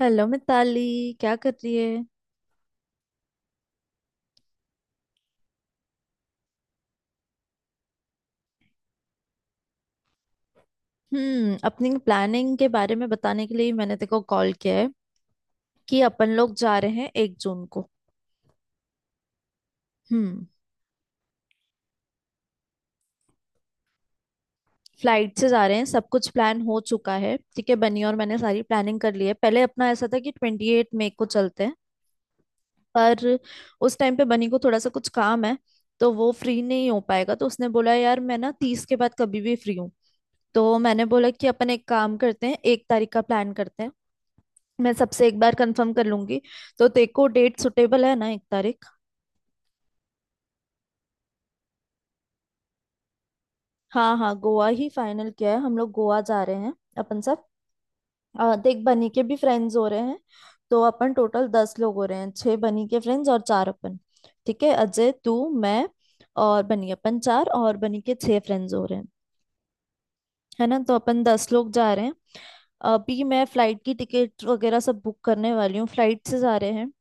Hello Mitali. क्या कर रही है? अपनी प्लानिंग के बारे में बताने के लिए ही मैंने तेको कॉल किया है कि अपन लोग जा रहे हैं 1 जून को। हम्म फ्लाइट से जा रहे हैं, सब कुछ प्लान हो चुका है। ठीक है, बनी और मैंने सारी प्लानिंग कर ली है। पहले अपना ऐसा था कि 28 मई को चलते हैं, पर उस टाइम पे बनी को थोड़ा सा कुछ काम है, तो वो फ्री नहीं हो पाएगा। तो उसने बोला, यार मैं ना 30 के बाद कभी भी फ्री हूँ। तो मैंने बोला कि अपन एक काम करते हैं, 1 तारीख का प्लान करते हैं। मैं सबसे एक बार कंफर्म कर लूंगी। तो तेरे को डेट सुटेबल है ना, 1 तारीख? हाँ हाँ, गोवा ही फाइनल किया है, हम लोग गोवा जा रहे हैं अपन सब। देख बनी के भी फ्रेंड्स हो रहे हैं, तो अपन टोटल 10 लोग हो रहे हैं, छह बनी के फ्रेंड्स और चार अपन। ठीक है, अजय तू, मैं और बनी, अपन चार और बनी के छह फ्रेंड्स हो रहे हैं, है ना? तो अपन 10 लोग जा रहे हैं। अभी मैं फ्लाइट की टिकट वगैरह सब बुक करने वाली हूँ, फ्लाइट से जा रहे हैं।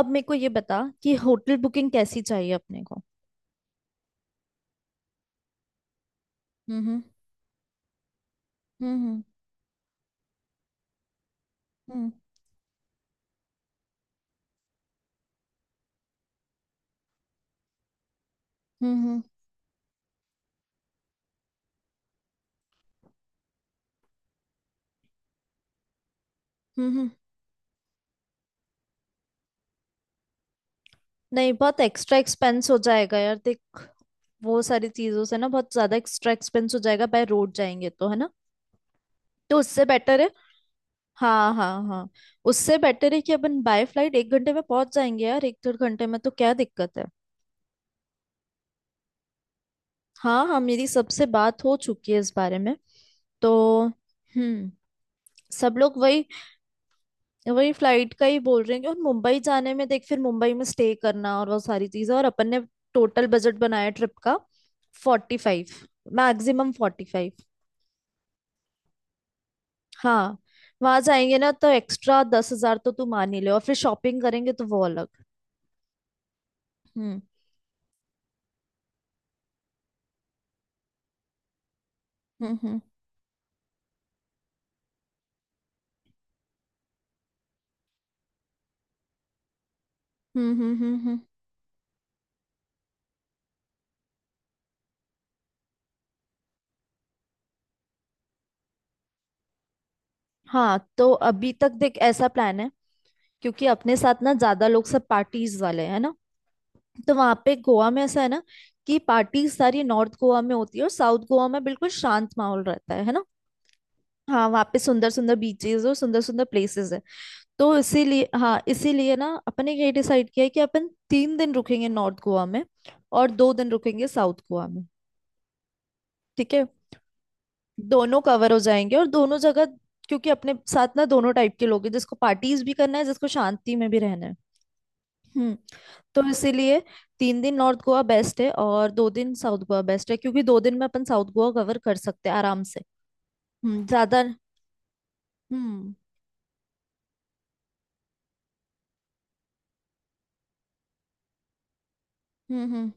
अब मेरे को ये बता कि होटल बुकिंग कैसी चाहिए अपने को। हम्म। हम्म। हम्म। हम्म। हम्म। हम्म। हम्म। हम्म। नहीं, बहुत एक्स्ट्रा एक्सपेंस हो जाएगा यार, देख वो सारी चीजों से ना बहुत ज्यादा एक्स्ट्रा एक्सपेंस हो जाएगा बाय रोड जाएंगे तो, है ना? तो उससे बेटर है। हाँ हाँ हाँ। उससे बेटर है कि अपन बाय फ्लाइट 1 घंटे में पहुंच जाएंगे यार, एक डेढ़ घंटे में, तो क्या दिक्कत है? हाँ हाँ, मेरी सबसे बात हो चुकी है इस बारे में, तो। हम्म सब लोग वही, वही फ्लाइट का ही बोल रहे हैं कि। और मुंबई जाने में देख, फिर मुंबई में स्टे करना और वो सारी चीजें, और अपन ने टोटल बजट बनाया ट्रिप का 45, मैक्सिमम 45। हाँ, वहां जाएंगे ना तो एक्स्ट्रा 10,000 तो तू मान ही ले, और फिर शॉपिंग करेंगे तो वो अलग। हम्म। हम्म। हम्म। हम्म। हम्म। हम्म। हम्म। हाँ तो अभी तक देख ऐसा प्लान है, क्योंकि अपने साथ ना ज्यादा लोग सब पार्टीज वाले हैं ना। तो वहां पे गोवा में ऐसा है ना कि पार्टीज सारी नॉर्थ गोवा में होती है और साउथ गोवा में बिल्कुल शांत माहौल रहता है ना। हाँ वहाँ पे सुंदर सुंदर बीचेस और सुंदर सुंदर प्लेसेस है। तो इसीलिए, हाँ इसीलिए ना अपने ये डिसाइड किया है कि अपन 3 दिन रुकेंगे नॉर्थ गोवा में और 2 दिन रुकेंगे साउथ गोवा में। ठीक है, दोनों कवर हो जाएंगे और दोनों जगह, क्योंकि अपने साथ ना दोनों टाइप के लोग हैं, जिसको पार्टीज भी करना है, जिसको शांति में भी रहना है। हम्म तो इसीलिए, 3 दिन नॉर्थ गोवा बेस्ट है और 2 दिन साउथ गोवा बेस्ट है, क्योंकि दो दिन में अपन साउथ गोवा कवर कर सकते हैं आराम से। ज्यादा। हम्म। हम्म। हम्म।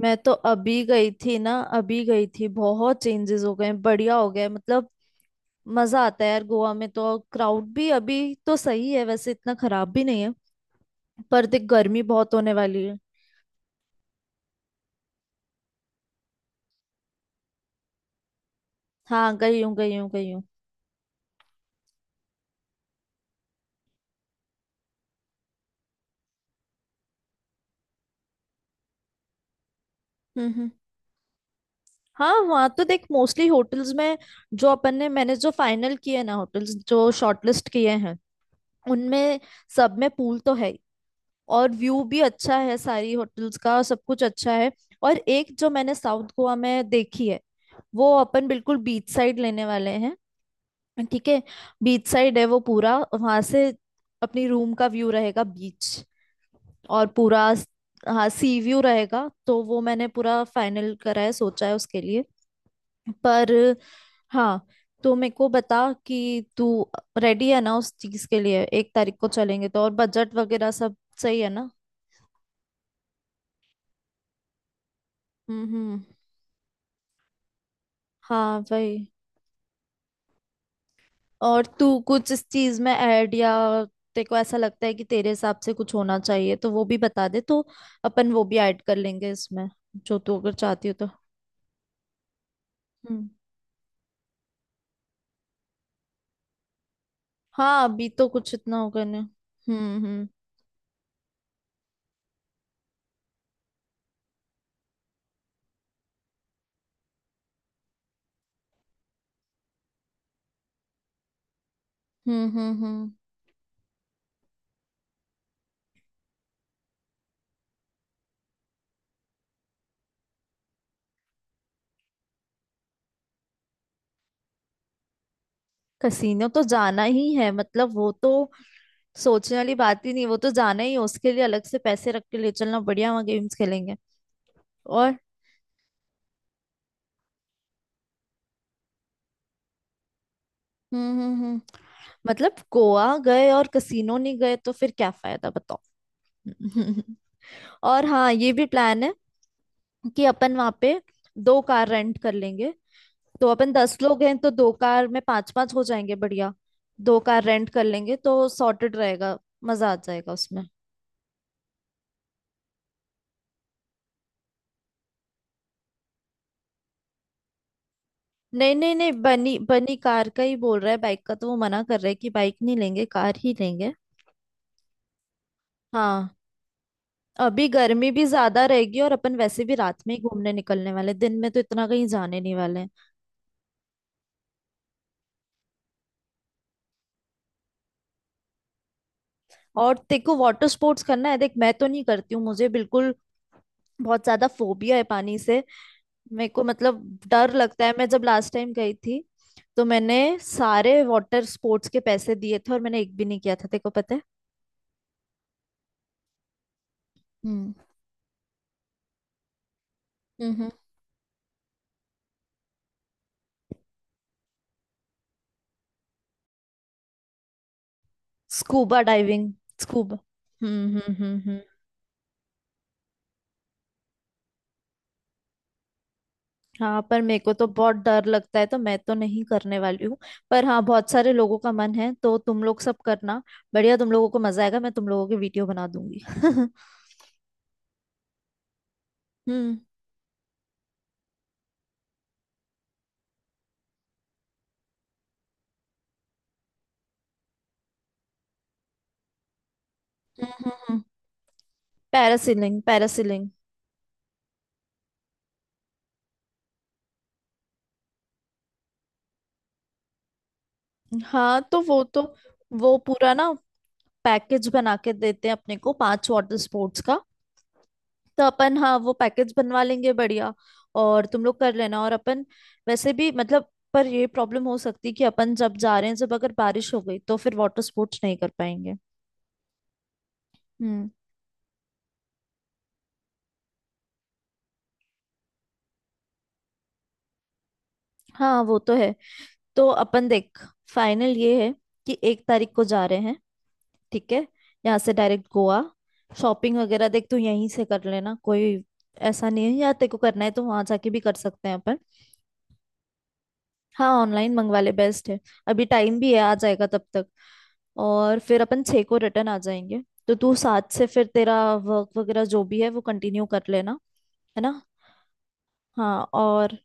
मैं तो अभी गई थी ना, अभी गई थी, बहुत चेंजेस हो गए हैं, बढ़िया हो गए हैं, मतलब मजा आता है यार गोवा में तो। क्राउड भी अभी तो सही है, वैसे इतना खराब भी नहीं है। पर देख गर्मी बहुत होने वाली है। हाँ गई हूँ, गई हूँ, गई हूँ। हम्म। हम्म। हाँ वहाँ तो देख मोस्टली होटल्स में, जो अपन ने, मैंने जो फाइनल किए ना होटल्स, जो शॉर्टलिस्ट किए हैं उनमें सब में पूल तो है, और व्यू भी अच्छा है सारी होटल्स का, और सब कुछ अच्छा है। और एक जो मैंने साउथ गोवा में देखी है, वो अपन बिल्कुल बीच साइड लेने वाले हैं। ठीक है, बीच साइड है वो पूरा, वहां से अपनी रूम का व्यू रहेगा बीच, और पूरा। हाँ सी व्यू रहेगा, तो वो मैंने पूरा फाइनल करा है, सोचा है उसके लिए। पर हाँ, तो मेरे को बता कि तू रेडी है ना उस चीज के लिए, 1 तारीख को चलेंगे तो, और बजट वगैरह सब सही है ना? हम्म। हम्म। हाँ वही। और तू कुछ इस चीज में ऐड, या तेरे को ऐसा लगता है कि तेरे हिसाब से कुछ होना चाहिए, तो वो भी बता दे तो अपन वो भी ऐड कर लेंगे इसमें, जो तू अगर चाहती हो तो। हम्म। हाँ अभी तो कुछ इतना होगा नहीं। हम्म। हम्म। हम्म। हम्म। हम्म। कसीनो तो जाना ही है, मतलब वो तो सोचने वाली बात ही नहीं, वो तो जाना ही है। उसके लिए अलग से पैसे रख के ले चलना, बढ़िया वहाँ गेम्स खेलेंगे। और। हम्म। हम्म। हम्म। मतलब गोवा गए और कसीनो नहीं गए तो फिर क्या फायदा बताओ? और हाँ ये भी प्लान है कि अपन वहां पे 2 कार रेंट कर लेंगे, तो अपन दस लोग हैं तो 2 कार में पांच पांच हो जाएंगे, बढ़िया। 2 कार रेंट कर लेंगे तो सॉर्टेड रहेगा, मजा आ जाएगा उसमें। नहीं नहीं नहीं, बनी, बनी कार का ही बोल रहा है, बाइक का तो वो मना कर रहा है कि बाइक नहीं लेंगे, कार ही लेंगे। हाँ, अभी गर्मी भी ज्यादा रहेगी और अपन वैसे भी रात में ही घूमने निकलने वाले हैं। दिन में तो इतना कहीं जाने नहीं वाले हैं। और तेरे को वाटर स्पोर्ट्स करना है देख, मैं तो नहीं करती हूँ, मुझे बिल्कुल बहुत ज्यादा फोबिया है पानी से, मेरे को मतलब डर लगता है। मैं जब लास्ट टाइम गई थी तो मैंने सारे वाटर स्पोर्ट्स के पैसे दिए थे और मैंने एक भी नहीं किया था, तेरे को पता है? हम्म। हम्म। Scuba diving, scuba. हम्म। हम्म। हम्म। हम्म। हाँ पर मेरे को तो बहुत डर लगता है, तो मैं तो नहीं करने वाली हूँ। पर हाँ, बहुत सारे लोगों का मन है तो तुम लोग सब करना, बढ़िया, तुम लोगों को मजा आएगा, मैं तुम लोगों की वीडियो बना दूंगी। हम्म। हम्म। हम्म। Parasailing, parasailing. हाँ तो वो तो, वो पूरा ना पैकेज बना के देते हैं अपने को 5 वाटर स्पोर्ट्स का, तो अपन, हाँ वो पैकेज बनवा लेंगे बढ़िया, और तुम लोग कर लेना, और अपन वैसे भी, मतलब। पर ये प्रॉब्लम हो सकती है कि अपन जब जा रहे हैं, जब अगर बारिश हो गई तो फिर वाटर स्पोर्ट्स नहीं कर पाएंगे। हम्म। हाँ वो तो है। तो अपन देख फाइनल ये है कि 1 तारीख को जा रहे हैं, ठीक है, यहाँ से डायरेक्ट गोवा। शॉपिंग वगैरह देख तू यहीं से कर लेना, कोई ऐसा नहीं है, या तेरे को करना है तो वहां जाके भी कर सकते हैं अपन। हाँ ऑनलाइन मंगवा ले, बेस्ट है। अभी टाइम भी है, आ जाएगा तब तक। और फिर अपन 6 को रिटर्न आ जाएंगे, तो तू 7 से फिर तेरा वर्क वगैरह जो भी है वो कंटिन्यू कर लेना, है ना? हाँ और।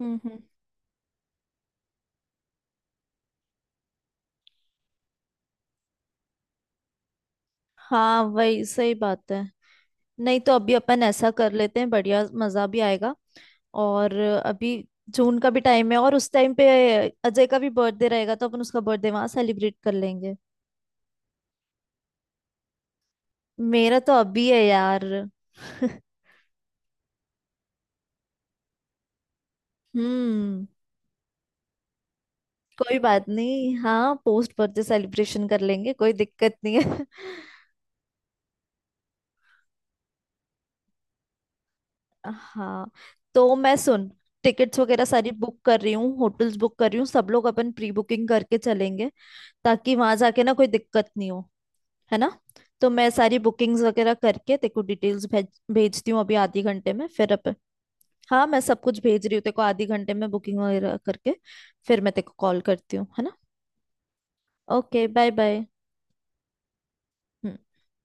हम्म। हम्म। हाँ वही सही बात है। नहीं तो अभी अपन ऐसा कर लेते हैं, बढ़िया मजा भी आएगा। और अभी जून का भी टाइम है, और उस टाइम पे अजय का भी बर्थडे रहेगा, तो अपन उसका बर्थडे वहां सेलिब्रेट कर लेंगे। मेरा तो अभी है यार। हम्म। कोई बात नहीं, हाँ पोस्ट बर्थडे सेलिब्रेशन कर लेंगे, कोई दिक्कत नहीं है। हाँ तो मैं सुन, टिकट्स वगैरह सारी बुक कर रही हूँ, होटल्स बुक कर रही हूँ, सब लोग अपन प्री बुकिंग करके चलेंगे, ताकि वहां जाके ना कोई दिक्कत नहीं हो, है ना? तो मैं सारी बुकिंग्स वगैरह करके तेरे को डिटेल्स भेजती हूँ अभी आधे घंटे में, फिर अपन। हाँ मैं सब कुछ भेज रही हूँ तेरे को आधे घंटे में, बुकिंग वगैरह करके फिर मैं तेरे को कॉल करती हूँ, है ना? Okay, bye bye.